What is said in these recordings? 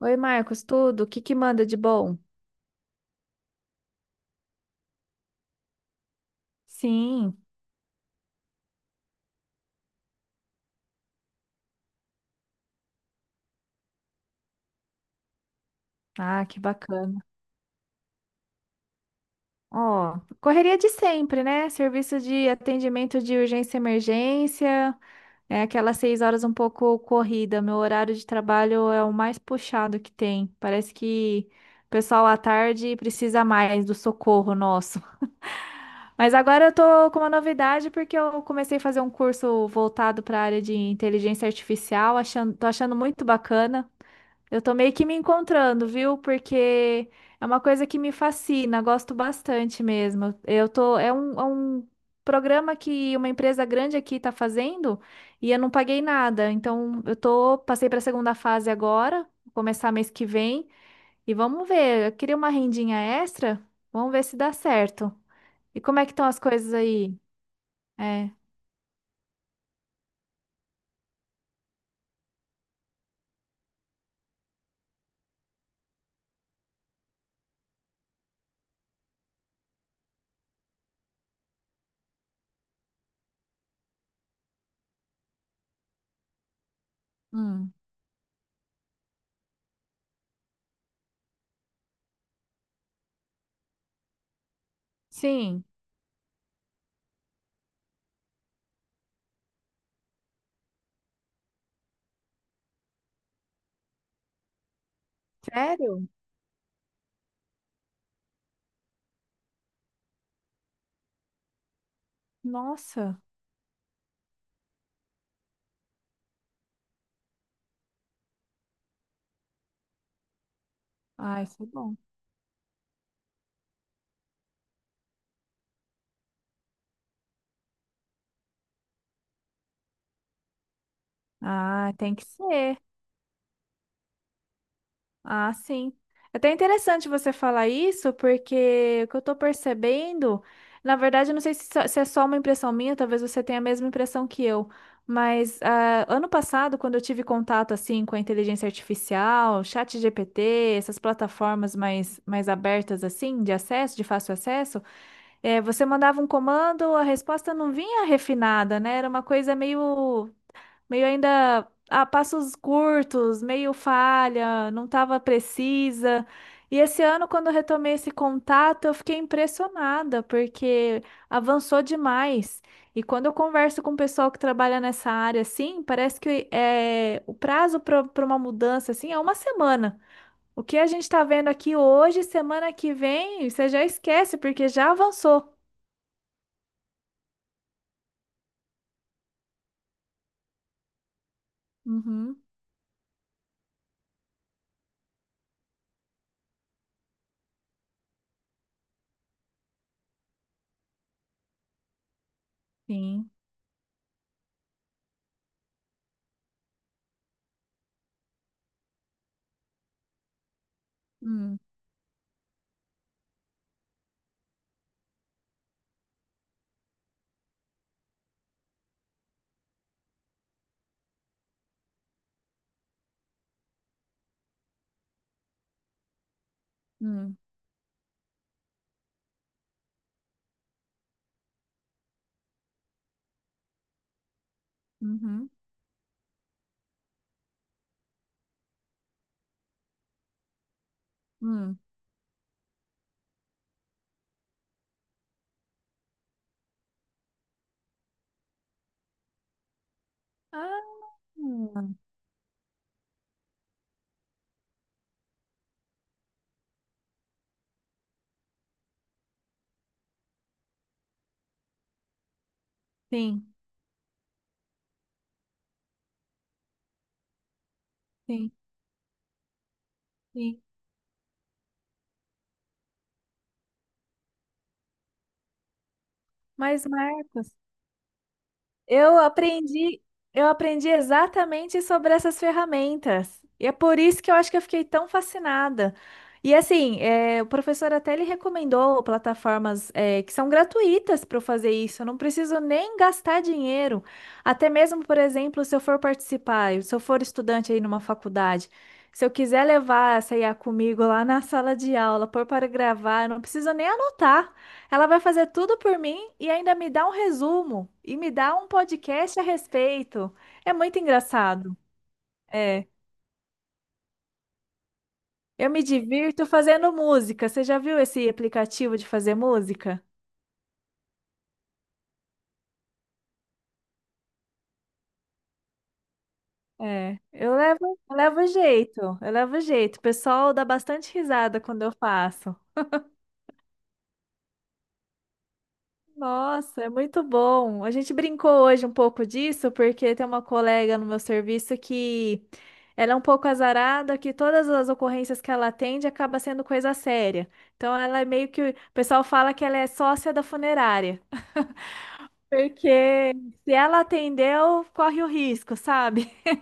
Oi, Marcos, tudo? O que que manda de bom? Sim, ah, que bacana. Ó, correria de sempre, né? Serviço de atendimento de urgência e emergência, é aquelas 6 horas um pouco corrida. Meu horário de trabalho é o mais puxado que tem. Parece que o pessoal à tarde precisa mais do socorro nosso. Mas agora eu tô com uma novidade porque eu comecei a fazer um curso voltado para a área de inteligência artificial, tô achando muito bacana. Eu tô meio que me encontrando, viu? Porque é uma coisa que me fascina, gosto bastante mesmo. É um programa que uma empresa grande aqui tá fazendo e eu não paguei nada. Então, passei para a segunda fase agora, vou começar mês que vem e vamos ver. Eu queria uma rendinha extra, vamos ver se dá certo. E como é que estão as coisas aí? É, hum, sim. Sério? Nossa. Ah, isso é bom. Ah, tem que ser. Ah, sim. É até interessante você falar isso, porque o que eu tô percebendo, na verdade, eu não sei se é só uma impressão minha, talvez você tenha a mesma impressão que eu, mas ah, ano passado, quando eu tive contato assim com a inteligência artificial, chat GPT, essas plataformas mais abertas assim, de acesso, de fácil acesso, eh, você mandava um comando, a resposta não vinha refinada, né? Era uma coisa meio ainda a passos curtos, meio falha, não estava precisa. E esse ano, quando eu retomei esse contato, eu fiquei impressionada, porque avançou demais. E quando eu converso com o pessoal que trabalha nessa área, assim, parece que é, o prazo para uma mudança, assim, é uma semana. O que a gente está vendo aqui hoje, semana que vem, você já esquece, porque já avançou. Uhum, sim. Hum, hum, uhum, hum. Ah, sim, sim, sim. Mas, Marcos, eu aprendi, eu aprendi exatamente sobre essas ferramentas. E é por isso que eu acho que eu fiquei tão fascinada. E assim, é, o professor até ele recomendou plataformas é, que são gratuitas para eu fazer isso. Eu não preciso nem gastar dinheiro. Até mesmo, por exemplo, se eu for participar, se eu for estudante aí numa faculdade, se eu quiser levar essa IA comigo lá na sala de aula, pôr para gravar, eu não preciso nem anotar. Ela vai fazer tudo por mim e ainda me dá um resumo e me dá um podcast a respeito. É muito engraçado. É, eu me divirto fazendo música. Você já viu esse aplicativo de fazer música? É, eu levo jeito, eu levo jeito. O pessoal dá bastante risada quando eu faço. Nossa, é muito bom. A gente brincou hoje um pouco disso, porque tem uma colega no meu serviço que ela é um pouco azarada, que todas as ocorrências que ela atende acaba sendo coisa séria. Então ela é meio que, o pessoal fala que ela é sócia da funerária, porque se ela atendeu, corre o risco, sabe?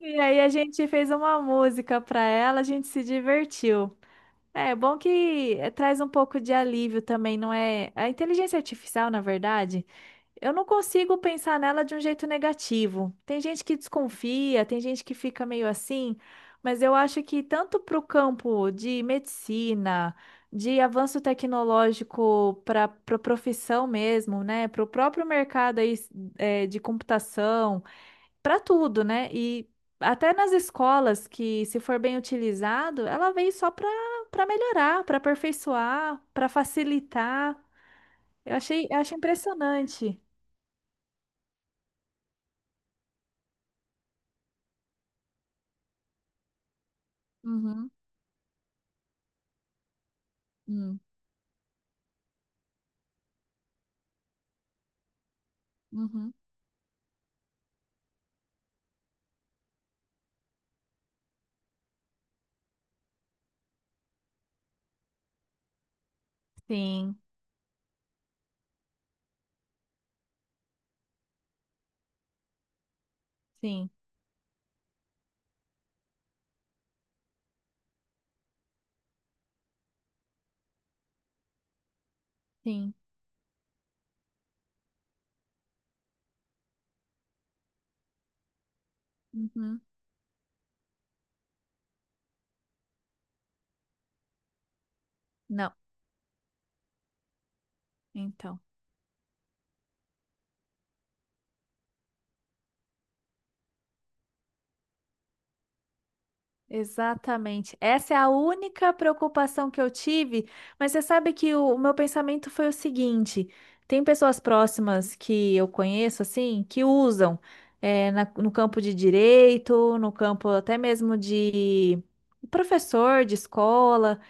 E aí a gente fez uma música para ela, a gente se divertiu. É bom que eh, traz um pouco de alívio também, não é? A inteligência artificial, na verdade. Eu não consigo pensar nela de um jeito negativo. Tem gente que desconfia, tem gente que fica meio assim, mas eu acho que tanto para o campo de medicina, de avanço tecnológico para a profissão mesmo, né? Para o próprio mercado aí, eh, de computação, para tudo, né? E até nas escolas que, se for bem utilizado, ela veio só para melhorar, para aperfeiçoar, para facilitar. Eu achei, eu acho impressionante. Uhum. Hum, uhum. Sim, sim, sim. Uhum. Não, então. Exatamente. Essa é a única preocupação que eu tive, mas você sabe que o meu pensamento foi o seguinte: tem pessoas próximas que eu conheço, assim, que usam eh, no campo de direito, no campo até mesmo de professor de escola.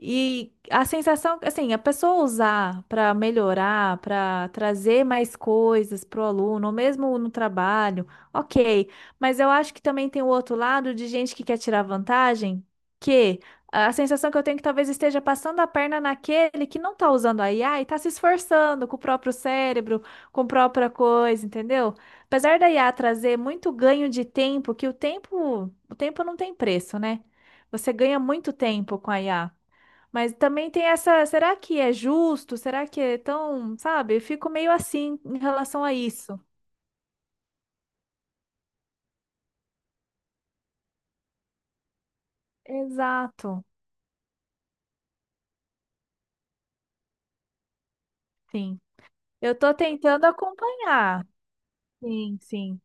E a sensação, assim, a pessoa usar para melhorar, para trazer mais coisas para o aluno, ou mesmo no trabalho, ok. Mas eu acho que também tem o outro lado de gente que quer tirar vantagem, que a sensação que eu tenho é que talvez esteja passando a perna naquele que não está usando a IA e está se esforçando com o próprio cérebro, com a própria coisa, entendeu? Apesar da IA trazer muito ganho de tempo, que o tempo não tem preço, né? Você ganha muito tempo com a IA. Mas também tem essa, será que é justo? Será que é tão, sabe? Eu fico meio assim em relação a isso. Exato. Sim. Eu tô tentando acompanhar. Sim, sim.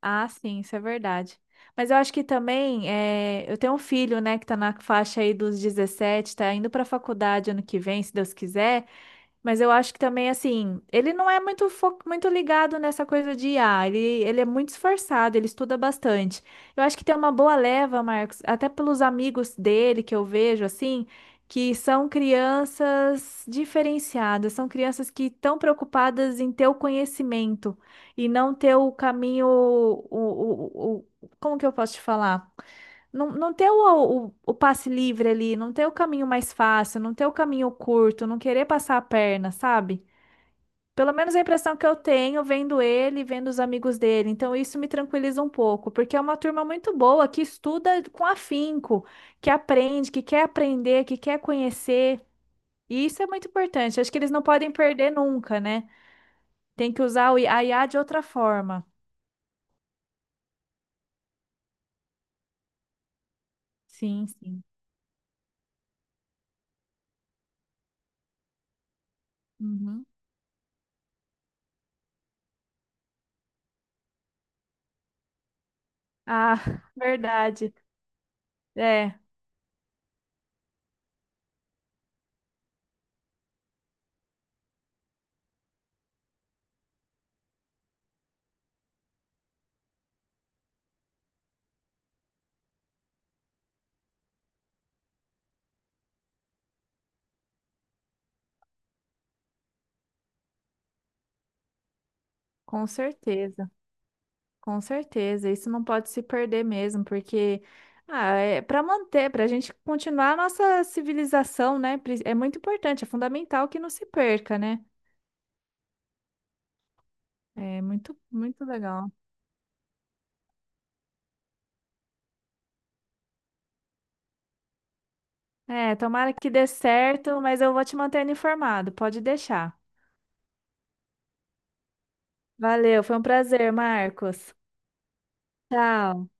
Ah, sim, isso é verdade. Mas eu acho que também, é, eu tenho um filho, né, que tá na faixa aí dos 17 tá indo pra faculdade ano que vem, se Deus quiser. Mas eu acho que também, assim, ele não é muito, muito ligado nessa coisa de IA. Ele é muito esforçado, ele estuda bastante. Eu acho que tem uma boa leva, Marcos, até pelos amigos dele que eu vejo, assim, que são crianças diferenciadas, são crianças que estão preocupadas em ter o conhecimento e não ter o caminho, como que eu posso te falar? Não, não ter o passe livre ali, não ter o caminho mais fácil, não ter o caminho curto, não querer passar a perna, sabe? Pelo menos a impressão que eu tenho vendo ele, e vendo os amigos dele. Então isso me tranquiliza um pouco, porque é uma turma muito boa que estuda com afinco, que aprende, que quer aprender, que quer conhecer. E isso é muito importante. Acho que eles não podem perder nunca, né? Tem que usar o a IA de outra forma. Sim, sim. Uhum. Ah, verdade. É, com certeza. Com certeza, isso não pode se perder mesmo, porque ah, é para manter, para a gente continuar a nossa civilização, né? É muito importante, é fundamental que não se perca, né? É muito, muito legal. É, tomara que dê certo, mas eu vou te mantendo informado, pode deixar. Valeu, foi um prazer, Marcos. Tchau.